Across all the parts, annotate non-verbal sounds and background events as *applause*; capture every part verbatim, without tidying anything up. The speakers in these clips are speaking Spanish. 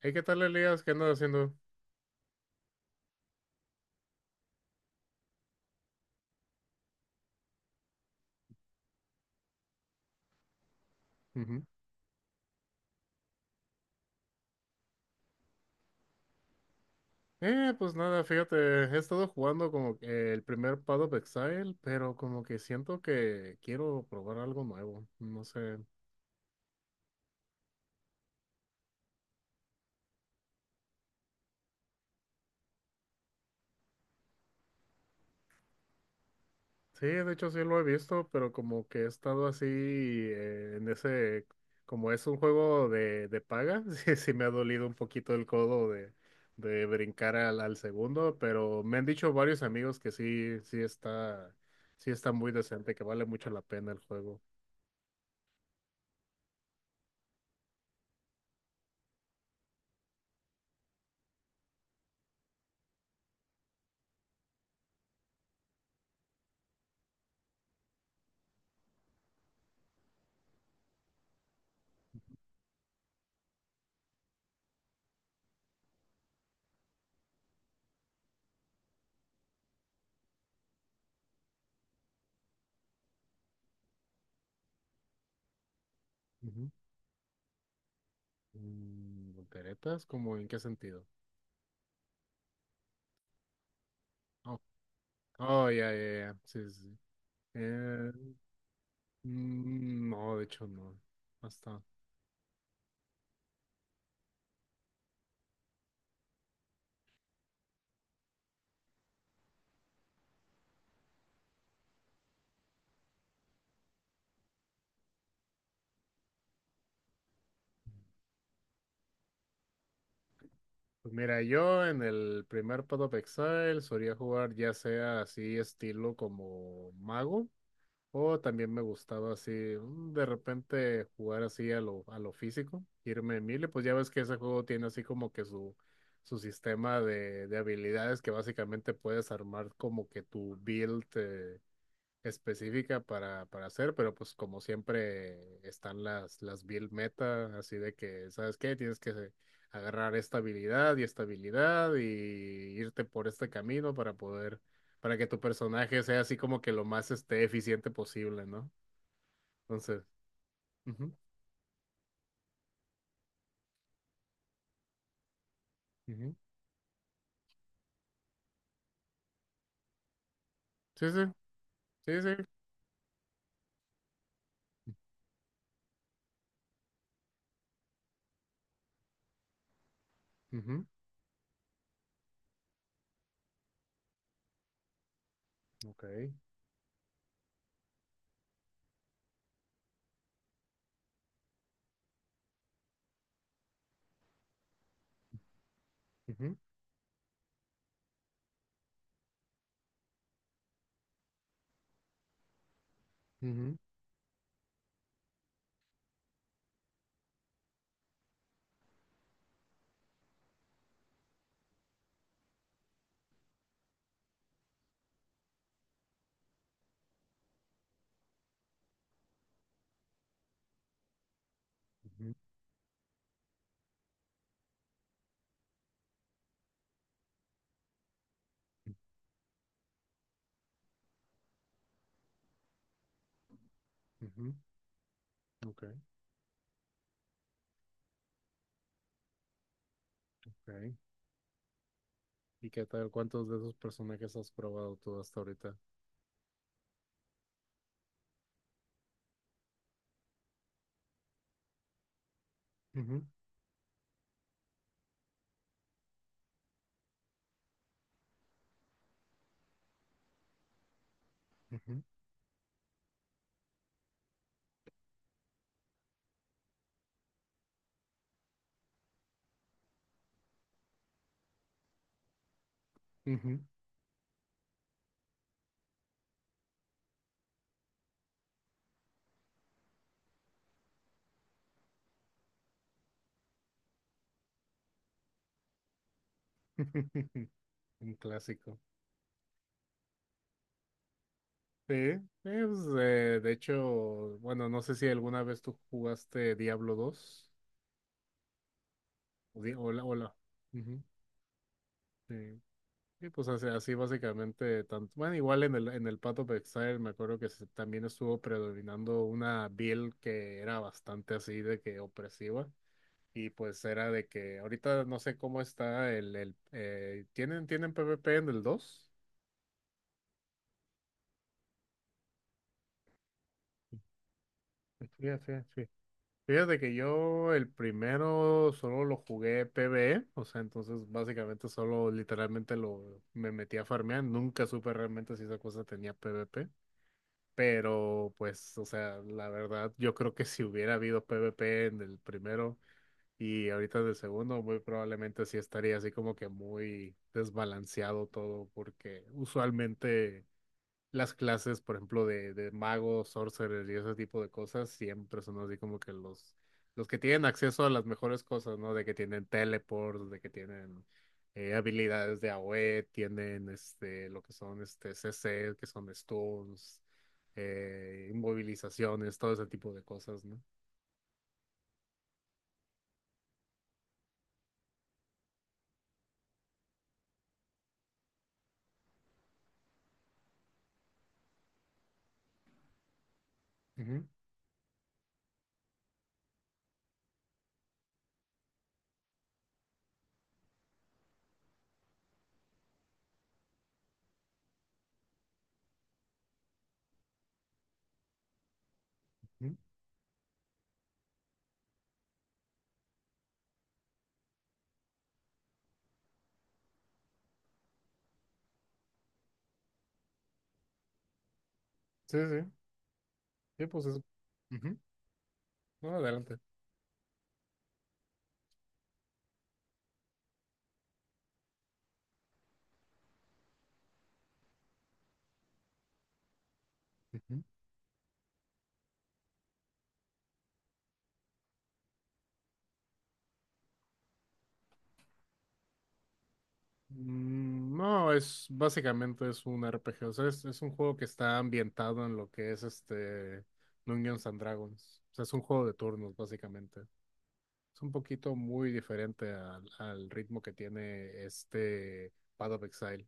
Hey, ¿qué tal, Elías? ¿Qué andas haciendo? Ujú. Eh, pues nada, fíjate, he estado jugando como que el primer Path of Exile, pero como que siento que quiero probar algo nuevo, no sé. Sí, de hecho sí lo he visto, pero como que he estado así eh, en ese, como es un juego de, de paga, *laughs* sí, sí me ha dolido un poquito el codo de, de brincar al, al segundo, pero me han dicho varios amigos que sí, sí está, sí está muy decente, que vale mucho la pena el juego. Mm, ¿volteretas? ¿Cómo en qué sentido? Oh, oh, ya, ya, ya. Sí, sí, sí. Eh, mm, no, de hecho no. No está. Pues mira, yo en el primer Path of Exile solía jugar ya sea así estilo como mago o también me gustaba así mm, de repente jugar así a lo, a lo físico, irme en melee, pues ya ves que ese juego tiene así como que su, su sistema de, de habilidades que básicamente puedes armar como que tu build. Eh, específica para, para hacer, pero pues como siempre están las, las build meta, así de que, ¿sabes qué? Tienes que agarrar esta habilidad y esta habilidad y irte por este camino para poder, para que tu personaje sea así como que lo más este, eficiente posible, ¿no? Entonces, ujú, ujú. Sí, sí, sí, sí. Ujú, ok. Ujú, ujú, ujú, ujú, ok, ok. ¿Y qué tal? ¿Cuántos de esos personajes has probado tú hasta ahorita? Ujú, ujú, ujú. *laughs* Un clásico. Sí, eh, pues, eh, de hecho, bueno, no sé si alguna vez tú jugaste Diablo dos o di- hola, hola. Ujú, sí. Sí, pues así, así básicamente, tanto, bueno, igual en el, en el Path of Exile me acuerdo que se- también estuvo predominando una build que era bastante así de que opresiva. Y pues era de que ahorita no sé cómo está el, el eh, ¿tienen, tienen PvP en el dos? Fíjate, Fíjate que yo el primero solo lo jugué PvE, o sea, entonces básicamente solo literalmente lo me metí a farmear, nunca supe realmente si esa cosa tenía PvP, pero pues, o sea, la verdad, yo creo que si hubiera habido PvP en el primero y ahorita en el segundo, muy probablemente sí estaría así como que muy desbalanceado todo, porque usualmente las clases, por ejemplo, de, de magos, sorcerers y ese tipo de cosas, siempre son así como que los, los que tienen acceso a las mejores cosas, ¿no? De que tienen teleports, de que tienen eh, habilidades de AoE, tienen este, lo que son este C C, que son stuns, eh, inmovilizaciones, todo ese tipo de cosas, ¿no? Ujú, ujú. Sí, sí, sí, pues eso. Ujú. No, adelante. Mm, no, es básicamente es un R P G, o sea, es, es un juego que está ambientado en lo que es este Dungeons and Dragons. O sea, es un juego de turnos, básicamente. Es un poquito muy diferente al, al ritmo que tiene este Path of Exile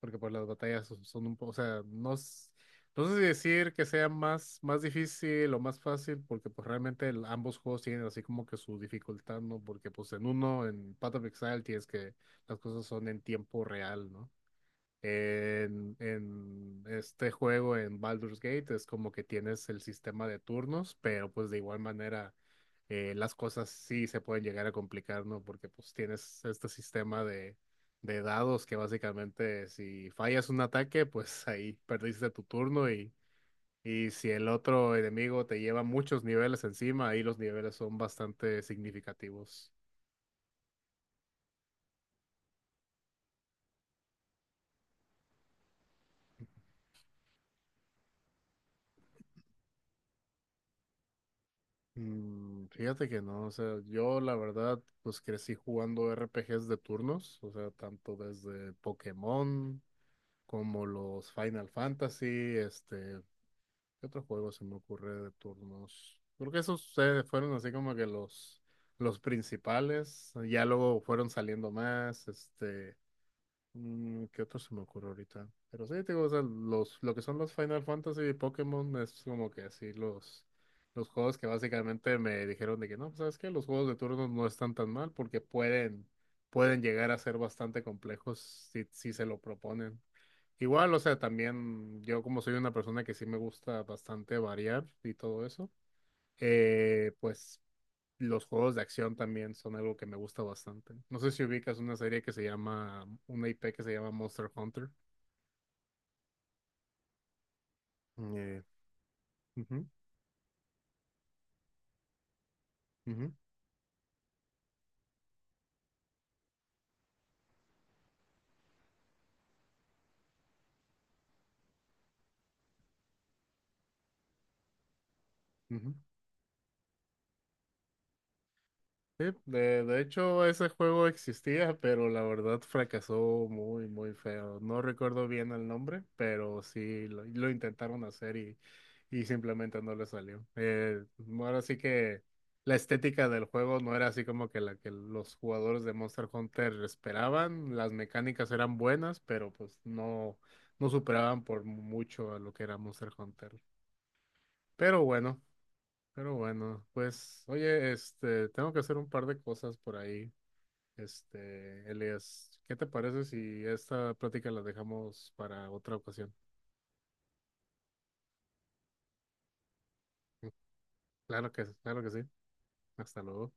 porque pues las batallas son son un poco, o sea, no, s- no sé si decir que sea más, más difícil o más fácil, porque pues realmente el- ambos juegos tienen así como que su dificultad, ¿no? Porque pues en uno, en Path of Exile, tienes que las cosas son en tiempo real, ¿no? En, en este juego, en Baldur's Gate, es como que tienes el sistema de turnos, pero pues de igual manera eh, las cosas sí se pueden llegar a complicar, ¿no? Porque pues tienes este sistema de, de dados que básicamente si fallas un ataque, pues ahí perdiste tu turno y, y si el otro enemigo te lleva muchos niveles encima, ahí los niveles son bastante significativos. Mm, Fíjate que no, o sea, yo la verdad, pues crecí jugando R P Gs de turnos, o sea, tanto desde Pokémon como los Final Fantasy, este, ¿qué otro juego se me ocurre de turnos? Creo que esos eh, fueron así como que los, los principales, ya luego fueron saliendo más, este. Mm, ¿Qué otro se me ocurre ahorita? Pero sí, te digo, o sea, los, lo que son los Final Fantasy y Pokémon es como que así los, los juegos que básicamente me dijeron de que no, pues, ¿sabes qué? Los juegos de turnos no están tan mal porque pueden, pueden llegar a ser bastante complejos si, si se lo proponen. Igual, o sea, también yo como soy una persona que sí me gusta bastante variar y todo eso, eh, pues los juegos de acción también son algo que me gusta bastante. No sé si ubicas una serie que se llama, una I P que se llama Monster Hunter. Eh, Ujú, ujú, ujú. Sí, de, de hecho ese juego existía, pero la verdad fracasó muy, muy feo. No recuerdo bien el nombre, pero sí lo, lo intentaron hacer y, y simplemente no le salió. Eh, ahora sí que la estética del juego no era así como que la que los jugadores de Monster Hunter esperaban. Las mecánicas eran buenas, pero pues no, no superaban por mucho a lo que era Monster Hunter. Pero bueno. Pero bueno, pues, oye, este, tengo que hacer un par de cosas por ahí. Este, Elias, ¿qué te parece si esta plática la dejamos para otra ocasión? Claro que, claro que sí. Hasta luego.